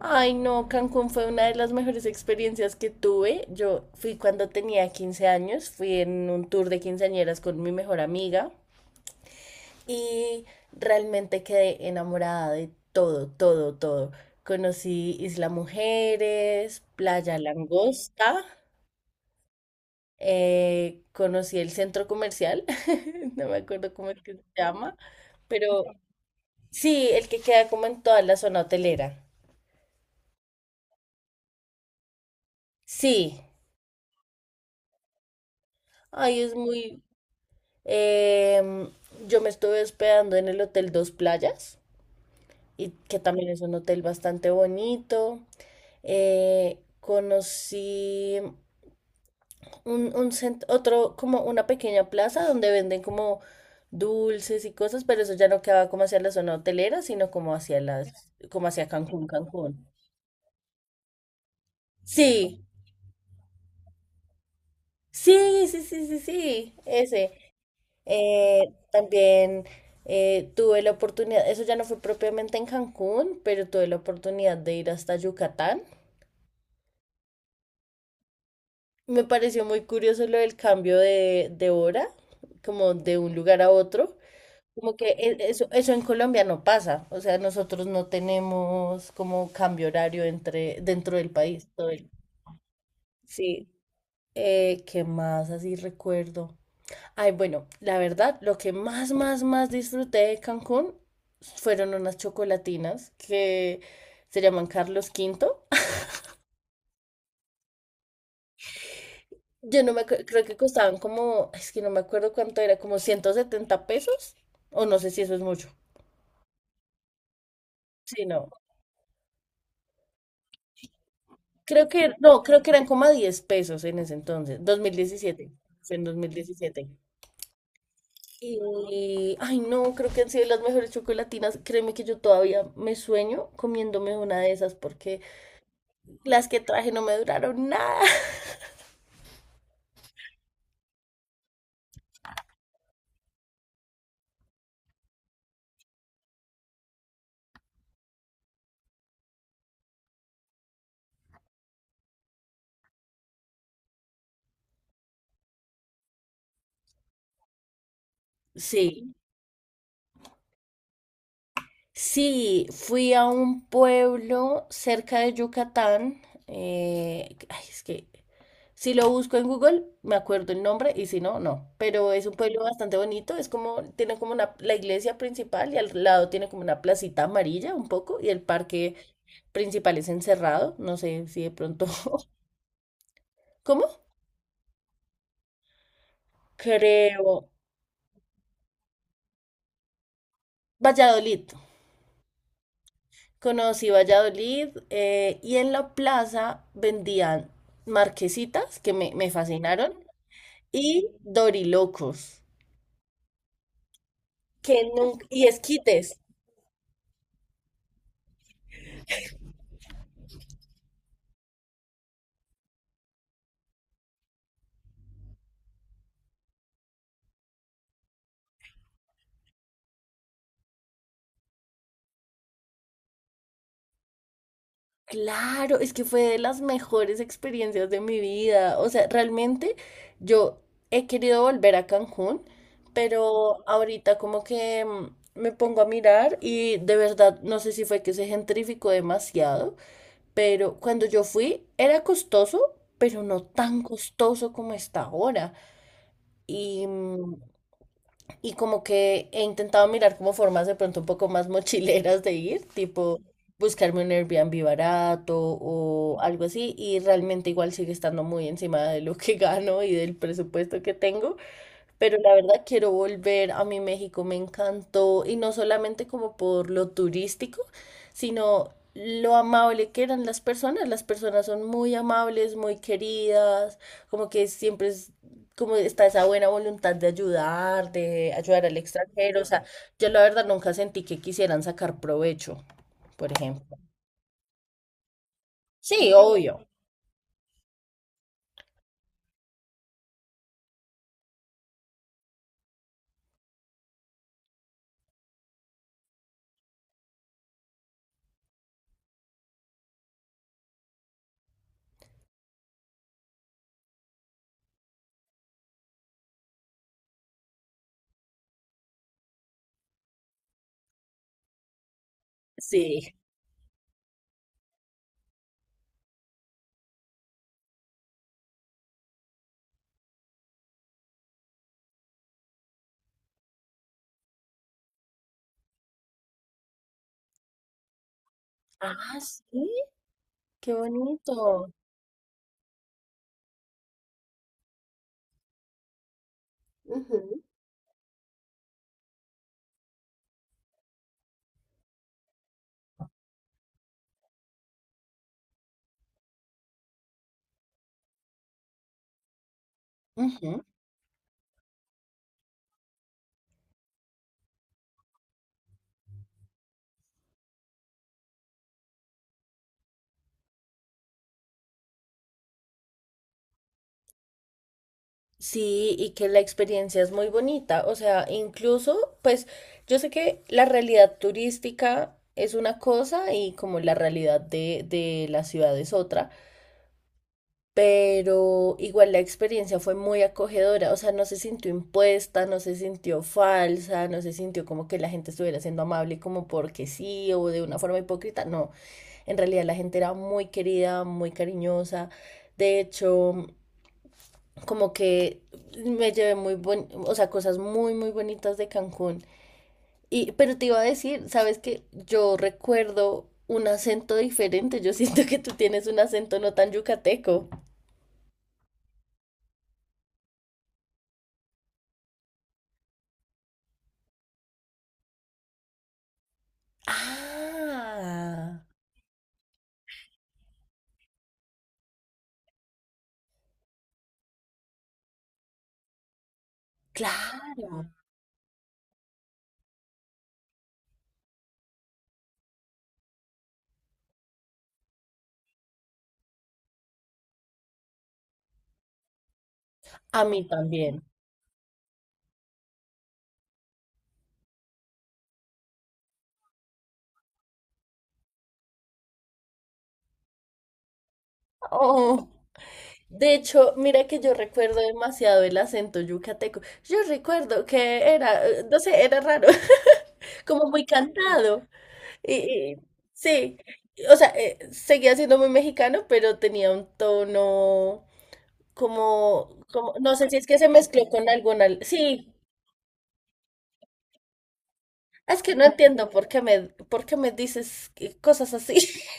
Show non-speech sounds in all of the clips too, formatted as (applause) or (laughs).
Ay, no, Cancún fue una de las mejores experiencias que tuve. Yo fui cuando tenía 15 años, fui en un tour de quinceañeras con mi mejor amiga y realmente quedé enamorada de todo, todo, todo. Conocí Isla Mujeres, Playa Langosta, conocí el centro comercial, (laughs) no me acuerdo cómo es que se llama, pero sí, el que queda como en toda la zona hotelera. Sí, ay, es muy. Em, yo me estuve hospedando en el Hotel Dos Playas, y que también es un hotel bastante bonito. Conocí otro, como una pequeña plaza donde venden como dulces y cosas, pero eso ya no quedaba como hacia la zona hotelera, sino como hacia las, como hacia Cancún, Cancún. Sí, sí, sí, sí, sí, sí, ese. Eh, también tuve la oportunidad, eso ya no fue propiamente en Cancún, pero tuve la oportunidad de ir hasta Yucatán. Me pareció muy curioso lo del cambio de hora, como de un lugar a otro. Como que eso en Colombia no pasa. O sea, nosotros no tenemos como cambio horario entre, dentro del país. Todo el-. Sí. ¿Qué más así recuerdo? Ay, bueno, la verdad, lo que más, más, más disfruté de Cancún fueron unas chocolatinas que se llaman Carlos Quinto. Yo no me acuerdo, creo que costaban como, es que no me acuerdo cuánto era, como 170 pesos, o no sé si eso es mucho. Sí, no. Creo que, no, creo que eran como a 10 pesos en ese entonces, 2017. Fue en 2017. Y, ay, no, creo que han sido las mejores chocolatinas. Créeme que yo todavía me sueño comiéndome una de esas porque las que traje no me duraron nada. Sí. Sí, fui a un pueblo cerca de Yucatán. Ay, es que si lo busco en Google, me acuerdo el nombre y si no, no. Pero es un pueblo bastante bonito. Es como, tiene como una, la iglesia principal y al lado tiene como una placita amarilla un poco y el parque principal es encerrado. No sé si de pronto. (laughs) ¿Cómo? Creo. Valladolid. Conocí Valladolid y en la plaza vendían marquesitas que me fascinaron y dorilocos, que nunca, y esquites. Claro, es que fue de las mejores experiencias de mi vida. O sea, realmente yo he querido volver a Cancún, pero ahorita como que me pongo a mirar y de verdad no sé si fue que se gentrificó demasiado. Pero cuando yo fui era costoso, pero no tan costoso como está ahora. Y, mm, y como que he intentado mirar como formas de pronto un poco más mochileras de ir, tipo buscarme un Airbnb barato o algo así. Y realmente igual sigue estando muy encima de lo que gano y del presupuesto que tengo. Pero la verdad quiero volver a mi México, me encantó, y no solamente como por lo turístico, sino lo amable que eran las personas. Las personas son muy amables, muy queridas, como que siempre es, como está esa buena voluntad de ayudar, al extranjero. O sea, yo la verdad nunca sentí que quisieran sacar provecho, por ejemplo. Sí, obvio. Sí. Ah, sí, qué bonito. Ujú. Ujú. Sí, y que la experiencia es muy bonita. O sea, incluso, pues yo sé que la realidad turística es una cosa y como la realidad de la ciudad es otra, pero igual la experiencia fue muy acogedora. O sea, no se sintió impuesta, no se sintió falsa, no se sintió como que la gente estuviera siendo amable como porque sí o de una forma hipócrita. No, en realidad la gente era muy querida, muy cariñosa. De hecho como que me llevé muy o sea, cosas muy, muy bonitas de Cancún. Pero te iba a decir, sabes que yo recuerdo un acento diferente. Yo (laughs) siento que tú tienes un acento no tan yucateco. Ah, claro. A mí también. Oh. De hecho, mira que yo recuerdo demasiado el acento yucateco. Yo recuerdo que era, no sé, era raro, (laughs) como muy cantado. Y, y- sí, o sea, seguía siendo muy mexicano, pero tenía un tono como, no sé si es que se mezcló con alguna. Sí, es que no entiendo por qué me dices cosas así. (laughs)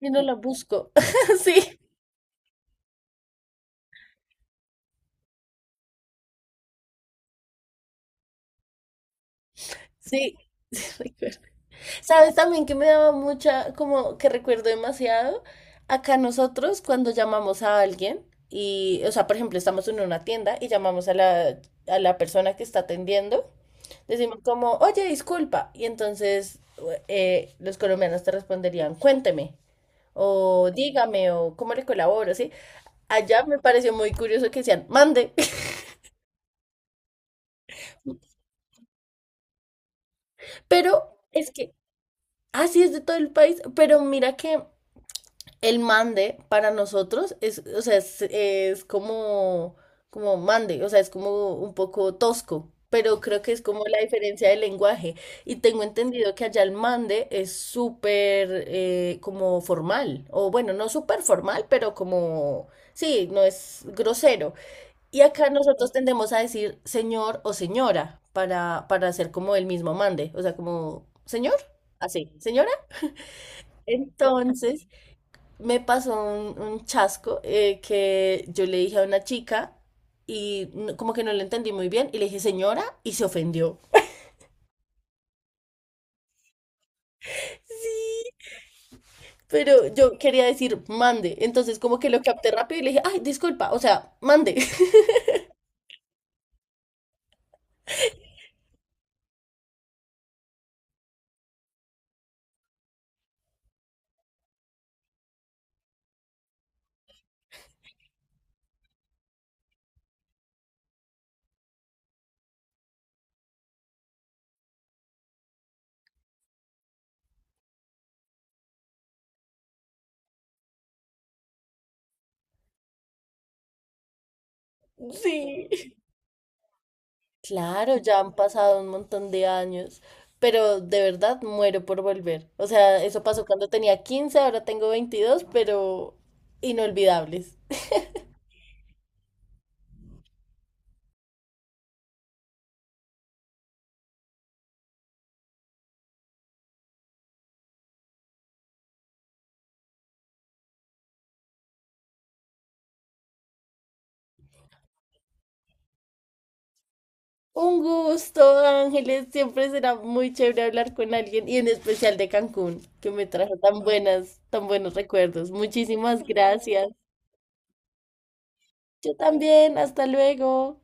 y no la busco. (laughs) Sí, sí. (laughs) ¿Sabes también que me daba mucha, como que recuerdo demasiado? Acá nosotros cuando llamamos a alguien y, o sea, por ejemplo, estamos en una tienda y llamamos a la persona que está atendiendo, decimos como, oye, disculpa. Y entonces los colombianos te responderían, cuénteme, o dígame, o cómo le colaboro, ¿sí? Allá me pareció muy curioso que decían, mande. (laughs) Pero es que así es de todo el país, pero mira que el mande para nosotros es, o sea, es como, mande, o sea, es como un poco tosco, pero creo que es como la diferencia del lenguaje. Y tengo entendido que allá el mande es súper como formal, o bueno, no súper formal, pero como, sí, no es grosero. Y acá nosotros tendemos a decir señor o señora para hacer como el mismo mande, o sea, como señor, así, señora. Entonces me pasó un chasco que yo le dije a una chica como que no lo entendí muy bien y le dije señora y se ofendió. Pero yo quería decir mande, entonces como que lo capté rápido y le dije, ay, disculpa, o sea, mande. (laughs) Sí. Claro, ya han pasado un montón de años, pero de verdad muero por volver. O sea, eso pasó cuando tenía quince, ahora tengo 22, pero inolvidables. Un gusto, Ángeles. Siempre será muy chévere hablar con alguien y en especial de Cancún, que me trajo tan buenas, tan buenos recuerdos. Muchísimas gracias. Yo también. Hasta luego.